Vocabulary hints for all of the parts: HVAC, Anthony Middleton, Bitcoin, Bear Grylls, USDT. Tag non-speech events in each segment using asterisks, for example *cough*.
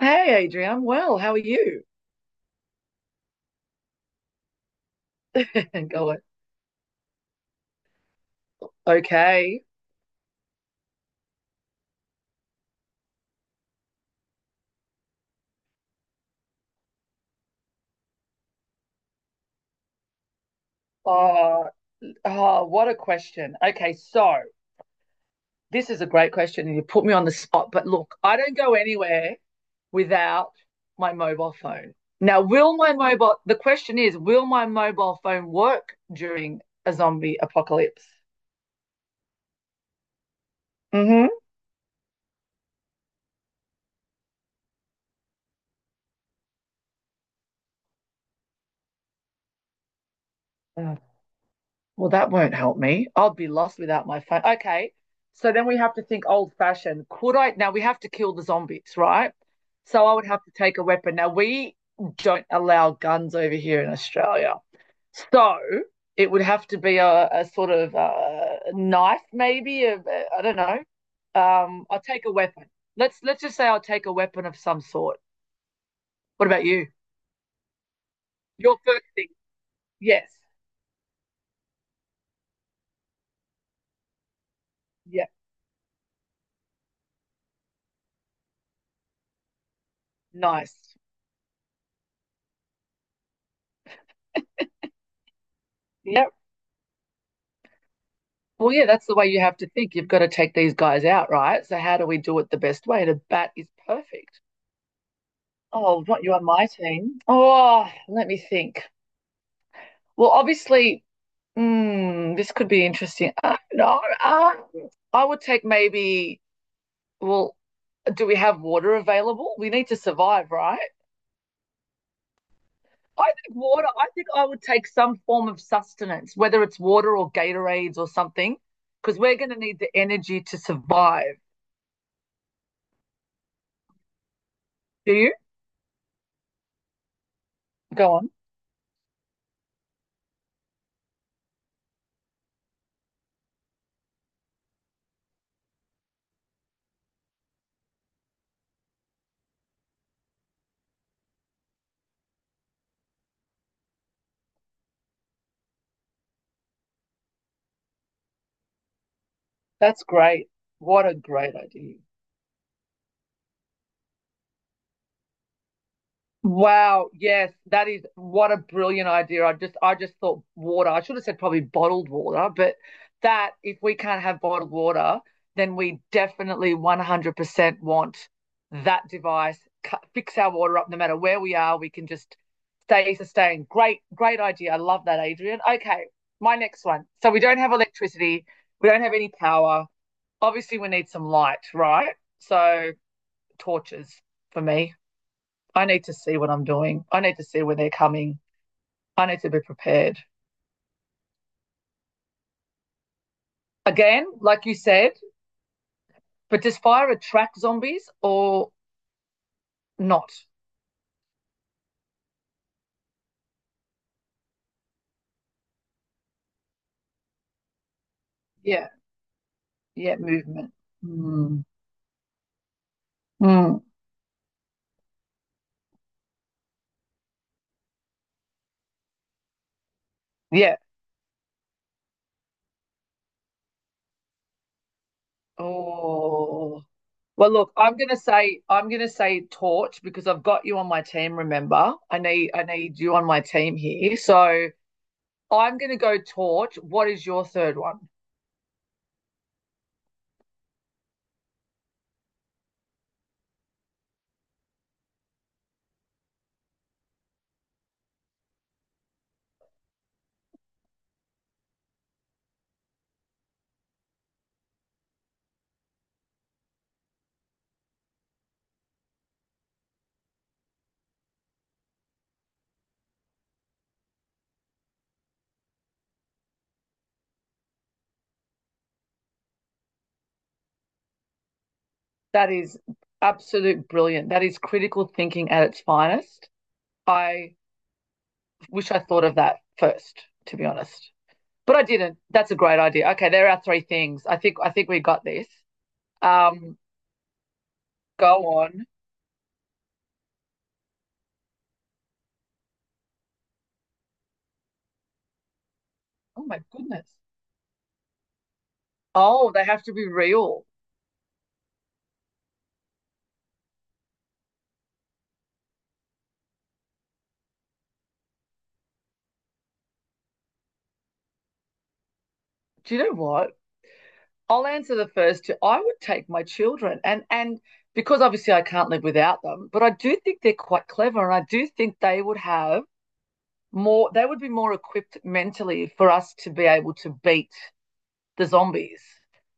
Hey, Adrian, I'm well. How are you? *laughs* And going, okay. Oh, oh, what a question. Okay, so this is a great question, and you put me on the spot. But look, I don't go anywhere without my mobile phone. Now, will my mobile, the question is, will my mobile phone work during a zombie apocalypse? Mm-hmm. Well, that won't help me. I'll be lost without my phone. Okay. So then we have to think old fashioned. Could I? Now we have to kill the zombies, right? So I would have to take a weapon. Now we don't allow guns over here in Australia. So it would have to be a sort of knife, maybe. I don't know. I'll take a weapon. Let's just say I'll take a weapon of some sort. What about you? Your first thing. Yes. Yeah. Nice. Yep. Well, yeah, that's the way you have to think. You've got to take these guys out, right? So how do we do it the best way? The bat is perfect. Oh, not you on my team. Oh, let me think. Well, obviously, this could be interesting. No, I would take maybe. Well, do we have water available? We need to survive, right? I think water. I think I would take some form of sustenance, whether it's water or Gatorades or something, because we're going to need the energy to survive. Do you? Go on. That's great. What a great idea. Wow, yes, that is what a brilliant idea. I just thought water. I should have said probably bottled water, but that if we can't have bottled water, then we definitely 100% want that device. Fix our water up no matter where we are. We can just stay sustained. Great, great idea. I love that, Adrian. Okay, my next one. So we don't have electricity. We don't have any power. Obviously, we need some light, right? So tortures for me. I need to see what I'm doing. I need to see when they're coming. I need to be prepared. Again, like you said, but does fire attract zombies or not? Yeah, yeah, movement. Mm. Mm. Yeah. Oh. Well, look, I'm gonna say torch because I've got you on my team. Remember, I need you on my team here. So I'm gonna go torch. What is your third one? That is absolute brilliant. That is critical thinking at its finest. I wish I thought of that first, to be honest. But I didn't. That's a great idea. Okay, there are three things. I think we got this. Um, Go on. Oh my goodness. Oh, they have to be real. Do you know what? I'll answer the first two. I would take my children and because obviously I can't live without them, but I do think they're quite clever and I do think they would have more they would be more equipped mentally for us to be able to beat the zombies.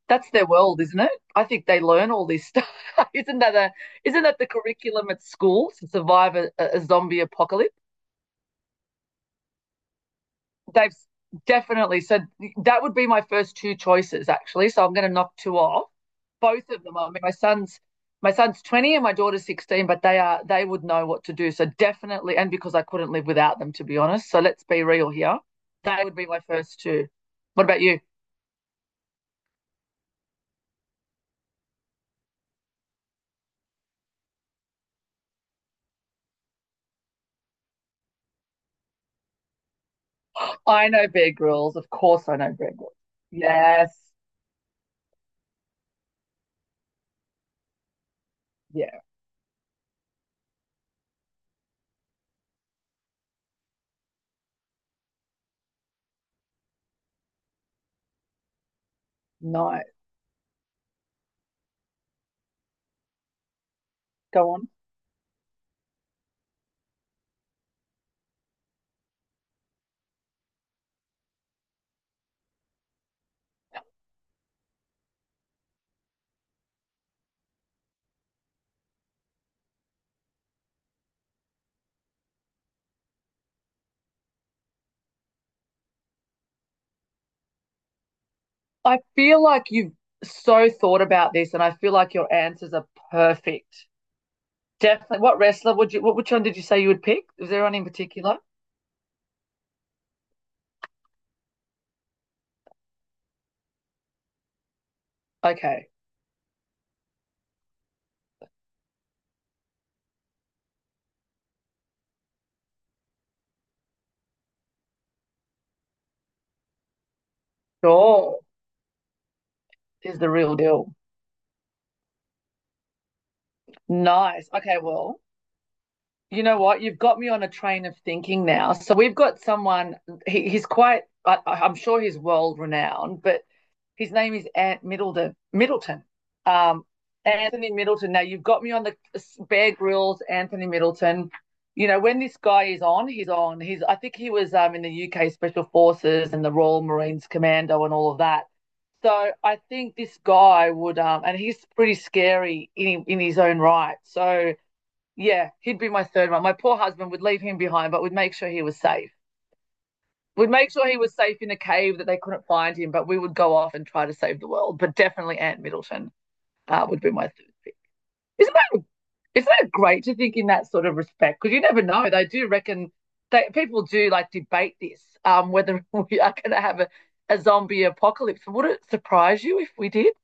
That's their world, isn't it? I think they learn all this stuff. *laughs* isn't that a isn't that the curriculum at school to survive a zombie apocalypse? They've definitely said that would be my first two choices actually. So I'm going to knock two off. Both of them. I mean, my son's 20 and my daughter's 16, but they are they would know what to do. So definitely, and because I couldn't live without them, to be honest. So let's be real here. That would be my first two. What about you? *gasps* I know Bear Grylls. Of course, I know Bear Grylls. Yes. Yeah. Nice. Go on. I feel like you've so thought about this, and I feel like your answers are perfect. Definitely. What wrestler would you? What which one did you say you would pick? Was there one in particular? Okay. Sure. Is the real deal. Nice. Okay. Well, you know what? You've got me on a train of thinking now. So we've got someone, he's quite, I'm sure he's world renowned, but his name is Ant Middleton. Middleton. Um, Anthony Middleton. Now you've got me on the Bear Grylls, Anthony Middleton. You know when this guy is on. He's I think he was in the UK Special Forces and the Royal Marines Commando and all of that. So I think this guy would, and he's pretty scary in his own right. So yeah, he'd be my third one. My poor husband would leave him behind, but would make sure he was safe. We'd make sure he was safe in a cave that they couldn't find him, but we would go off and try to save the world. But definitely Aunt Middleton would be my third. Isn't that isn't that great to think in that sort of respect? Because you never know. They do reckon they people do like debate this whether *laughs* we are going to have a zombie apocalypse. Would it surprise you if we did?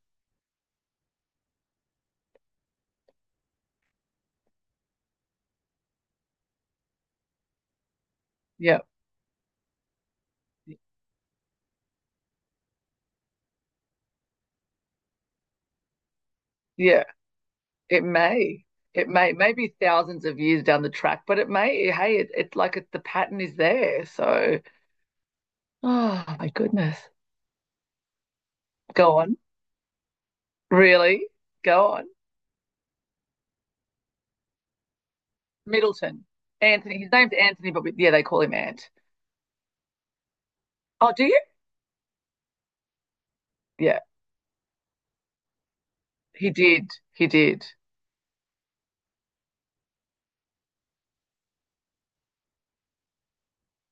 Yeah, yeah. It may. It may. Maybe thousands of years down the track, but it may. Hey, it, it's it, like it, the pattern is there. So, *sighs* oh my goodness. Go on. Really? Go on. Middleton. Anthony. His name's Anthony, but we, yeah, they call him Ant. Oh, do you? Yeah, he did. He did.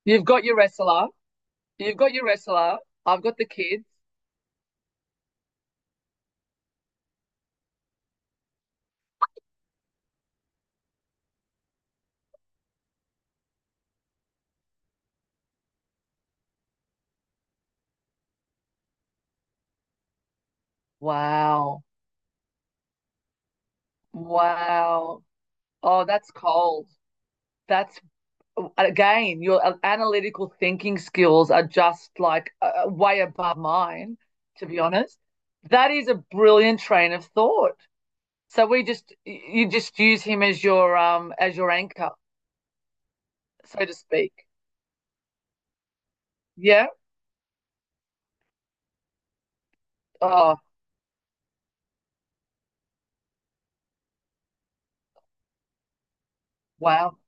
You've got your wrestler. You've got your wrestler. I've got the kids. Wow. Wow. Oh, that's cold. That's again, your analytical thinking skills are just like way above mine, to be honest. That is a brilliant train of thought. So we just you just use him as your anchor, so to speak. Yeah. Oh wow.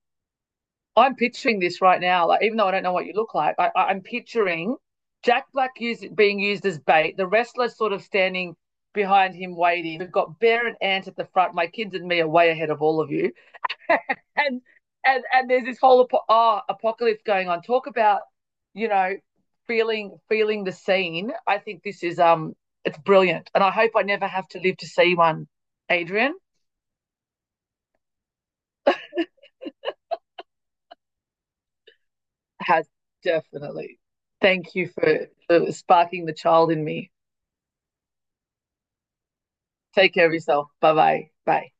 I'm picturing this right now. Like even though I don't know what you look like, I'm picturing Jack Black use, being used as bait. The wrestler sort of standing behind him waiting. We've got Bear and Ant at the front. My kids and me are way ahead of all of you. and and there's this whole apocalypse going on. Talk about, you know, feeling the scene. I think this is it's brilliant, and I hope I never have to live to see one. Adrian has definitely. Thank you for sparking the child in me. Take care of yourself. Bye bye. Bye.